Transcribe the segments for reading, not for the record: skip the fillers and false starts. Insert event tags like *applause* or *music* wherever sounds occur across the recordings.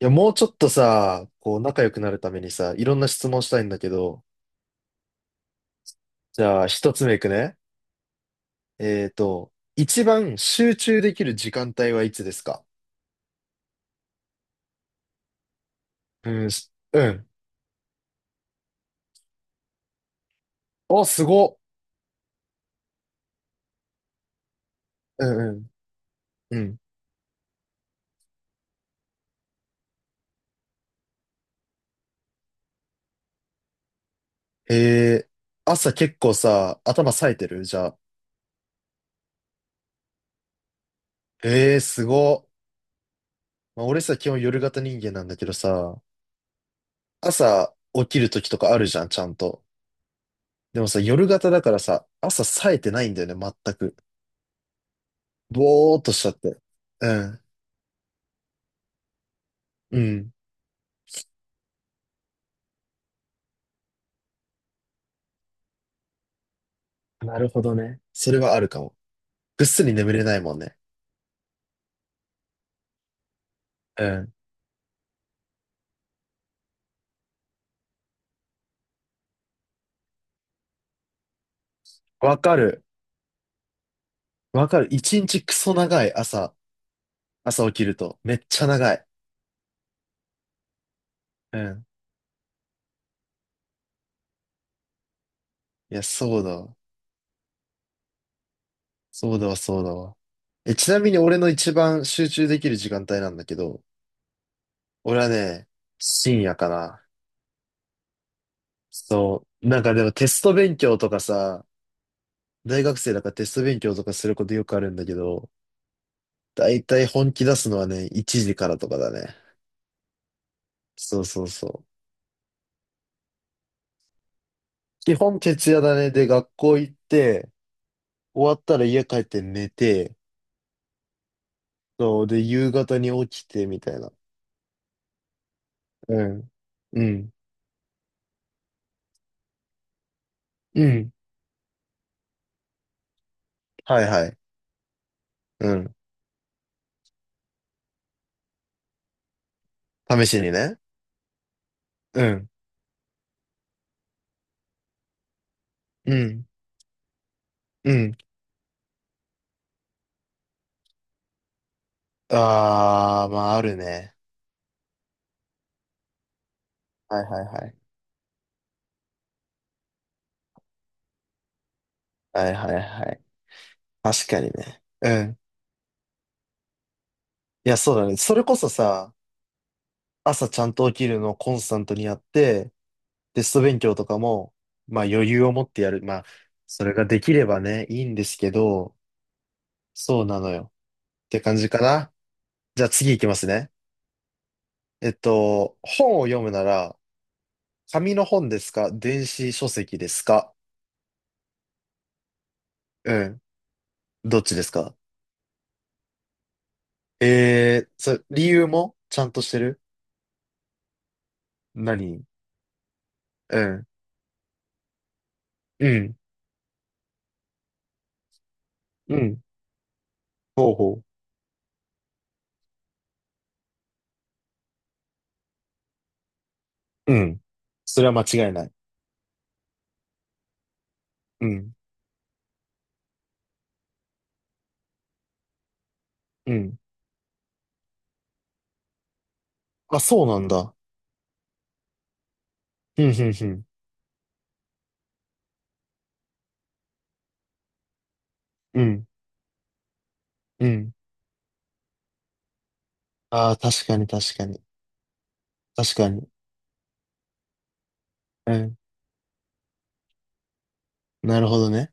いや、もうちょっとさ、こう、仲良くなるためにさ、いろんな質問したいんだけど、じゃあ、一つ目いくね。一番集中できる時間帯はいつですか？うん、うん。お、すごっ。うんうん。へえー、朝結構さ、頭冴えてるじゃあ。へえー、すごっ。まあ、俺さ、基本夜型人間なんだけどさ、朝起きる時とかあるじゃん、ちゃんと。でもさ、夜型だからさ、朝冴えてないんだよね、全く。ぼーっとしちゃって。うん、うん。なるほどね。それはあるかも。ぐっすり眠れないもんね。うん。わかる。わかる。一日クソ長い朝、朝起きると。めっちゃ長い。うん。いや、そうだわ。そうだわ、そうだわ。え、ちなみに俺の一番集中できる時間帯なんだけど、俺はね、深夜かな。そう。なんかでもテスト勉強とかさ、大学生だからテスト勉強とかすることよくあるんだけど、だいたい本気出すのはね、1時からとかだね。そう。基本徹夜だね。で、学校行って、終わったら家帰って寝て、そう、で、夕方に起きて、みたいな。うん。うん。うん。はいはい。うん。試しにね。うん。うん。うん。あー、まあ、あるね。はいはいはい。はいはいはい。確かにね。うん。いや、そうだね。それこそさ、朝ちゃんと起きるのをコンスタントにやって、テスト勉強とかも、まあ余裕を持ってやる。まあ、それができればね、いいんですけど、そうなのよ。って感じかな。じゃあ次行きますね。本を読むなら、紙の本ですか？電子書籍ですか？うん。どっちですか？えー、それ、理由もちゃんとしてる？何？うん。うん。うん。ほうほう。うん。それは間違いない。うん。うん。あ、そうなんだ。うん、うん、うん。うん。うん。ああ、確かに、確かに。確かに。うん。なるほどね。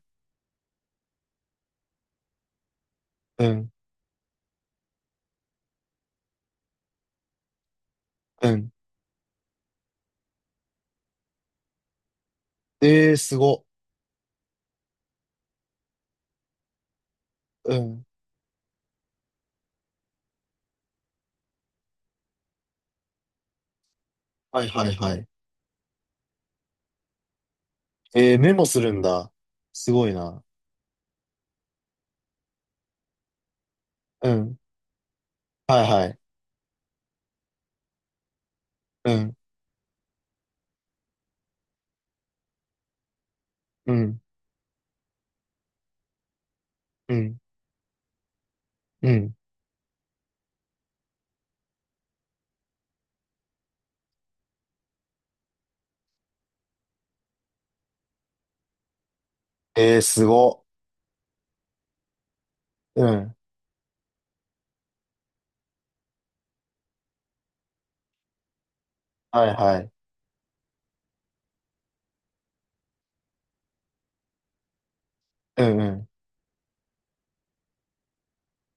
うん。うん。えー、すご。うん。はいはいはい。えー、メモするんだ。すごいな。うん。はいはい。うん。うん。うん。うん。えー、すご。うん。はいはい。うんうん。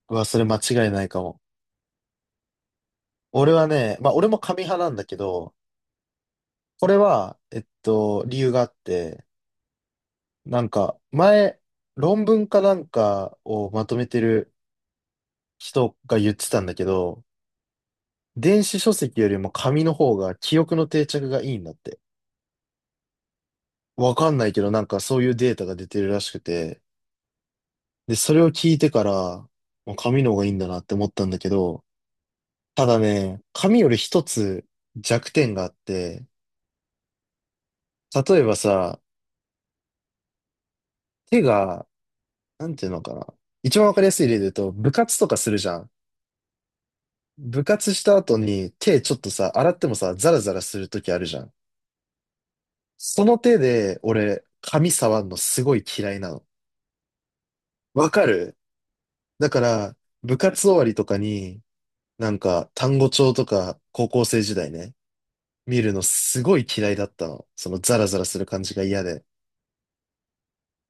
うわ、それ間違いないかも。俺はね、まあ俺も紙派なんだけど、これは、理由があって、なんか、前、論文かなんかをまとめてる人が言ってたんだけど、電子書籍よりも紙の方が記憶の定着がいいんだって。わかんないけど、なんかそういうデータが出てるらしくて、で、それを聞いてから、もう紙の方がいいんだなって思ったんだけど、ただね、紙より一つ弱点があって、例えばさ、手が、なんていうのかな。一番わかりやすい例で言うと、部活とかするじゃん。部活した後に手ちょっとさ、洗ってもさ、ザラザラするときあるじゃん。その手で、俺、紙触んのすごい嫌いなの。わかる？だから、部活終わりとかに、なんか、単語帳とか、高校生時代ね。見るのすごい嫌いだったの。そのザラザラする感じが嫌で。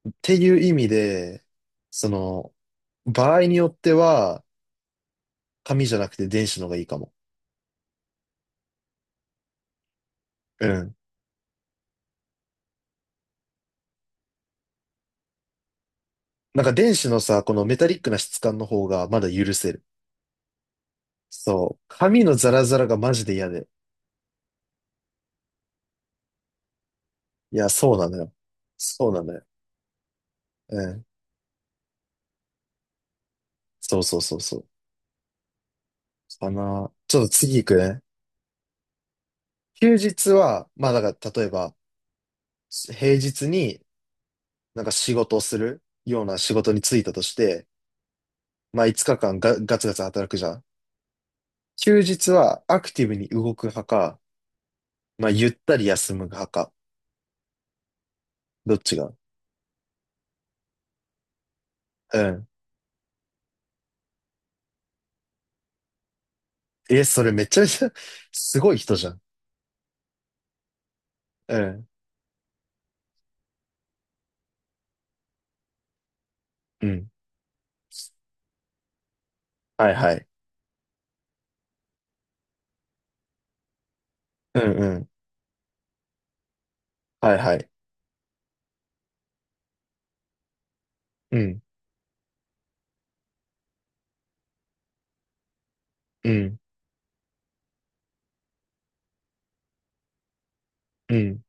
っていう意味で、その、場合によっては、紙じゃなくて電子の方がいいかも。うん。なんか電子のさ、このメタリックな質感の方がまだ許せる。そう。紙のザラザラがマジで嫌で。いや、そうなのよ。そうなのよ。うん。そうそうそうそう。かな。ちょっと次行くね。休日は、まあだから、例えば、平日になんか仕事をするような仕事に就いたとして、まあ5日間ガツガツ働くじゃん。休日はアクティブに動く派か、まあゆったり休む派か。どっちが？うん。え、それめちゃめちゃ *laughs* すごい人じゃん。うん。うん。はいはい。うんうん。はいはい。うん。うん。うん。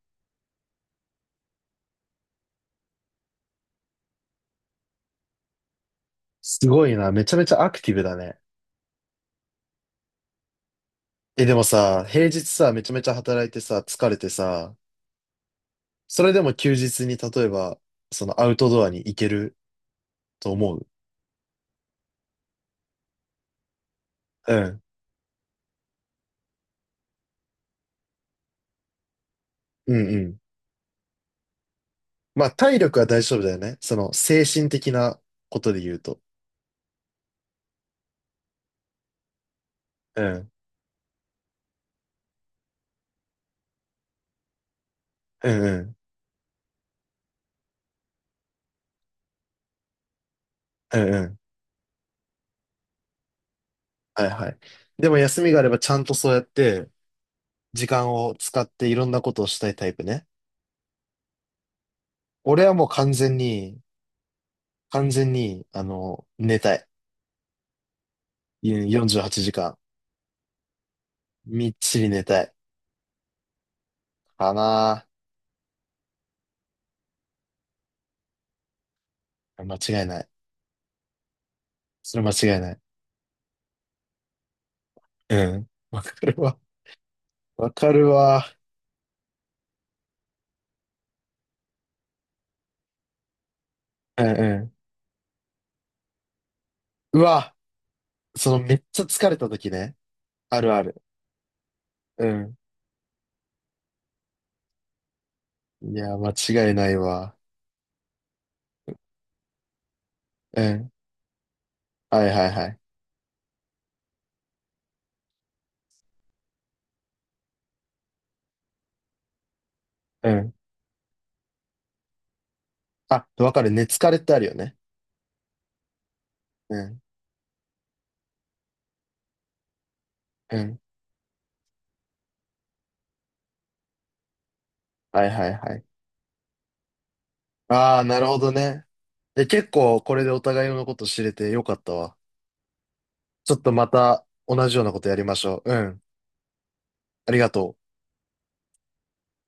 すごいな。めちゃめちゃアクティブだね。え、でもさ、平日さ、めちゃめちゃ働いてさ、疲れてさ、それでも休日に例えば、そのアウトドアに行けると思う？うん。うんうん。まあ、体力は大丈夫だよね。その、精神的なことで言うと。うん。うんうん。うんうん。はいはい。でも休みがあればちゃんとそうやって、時間を使っていろんなことをしたいタイプね。俺はもう完全に、完全に、あの、寝たい。うん48時間。みっちり寝たい。かなぁ。間違いない。それ間違いない。うん。わかるわ。わかるわ。うんうん。うわ、そのめっちゃ疲れた時ね。あるある。うん。いや、間違いないわ。うん。はいはいはい。うん。あ、わかる。寝疲れってあるよね。うん。うん。はいはいはい。ああ、なるほどね。で、結構これでお互いのこと知れてよかったわ。ちょっとまた同じようなことやりましょう。うん。ありがとう。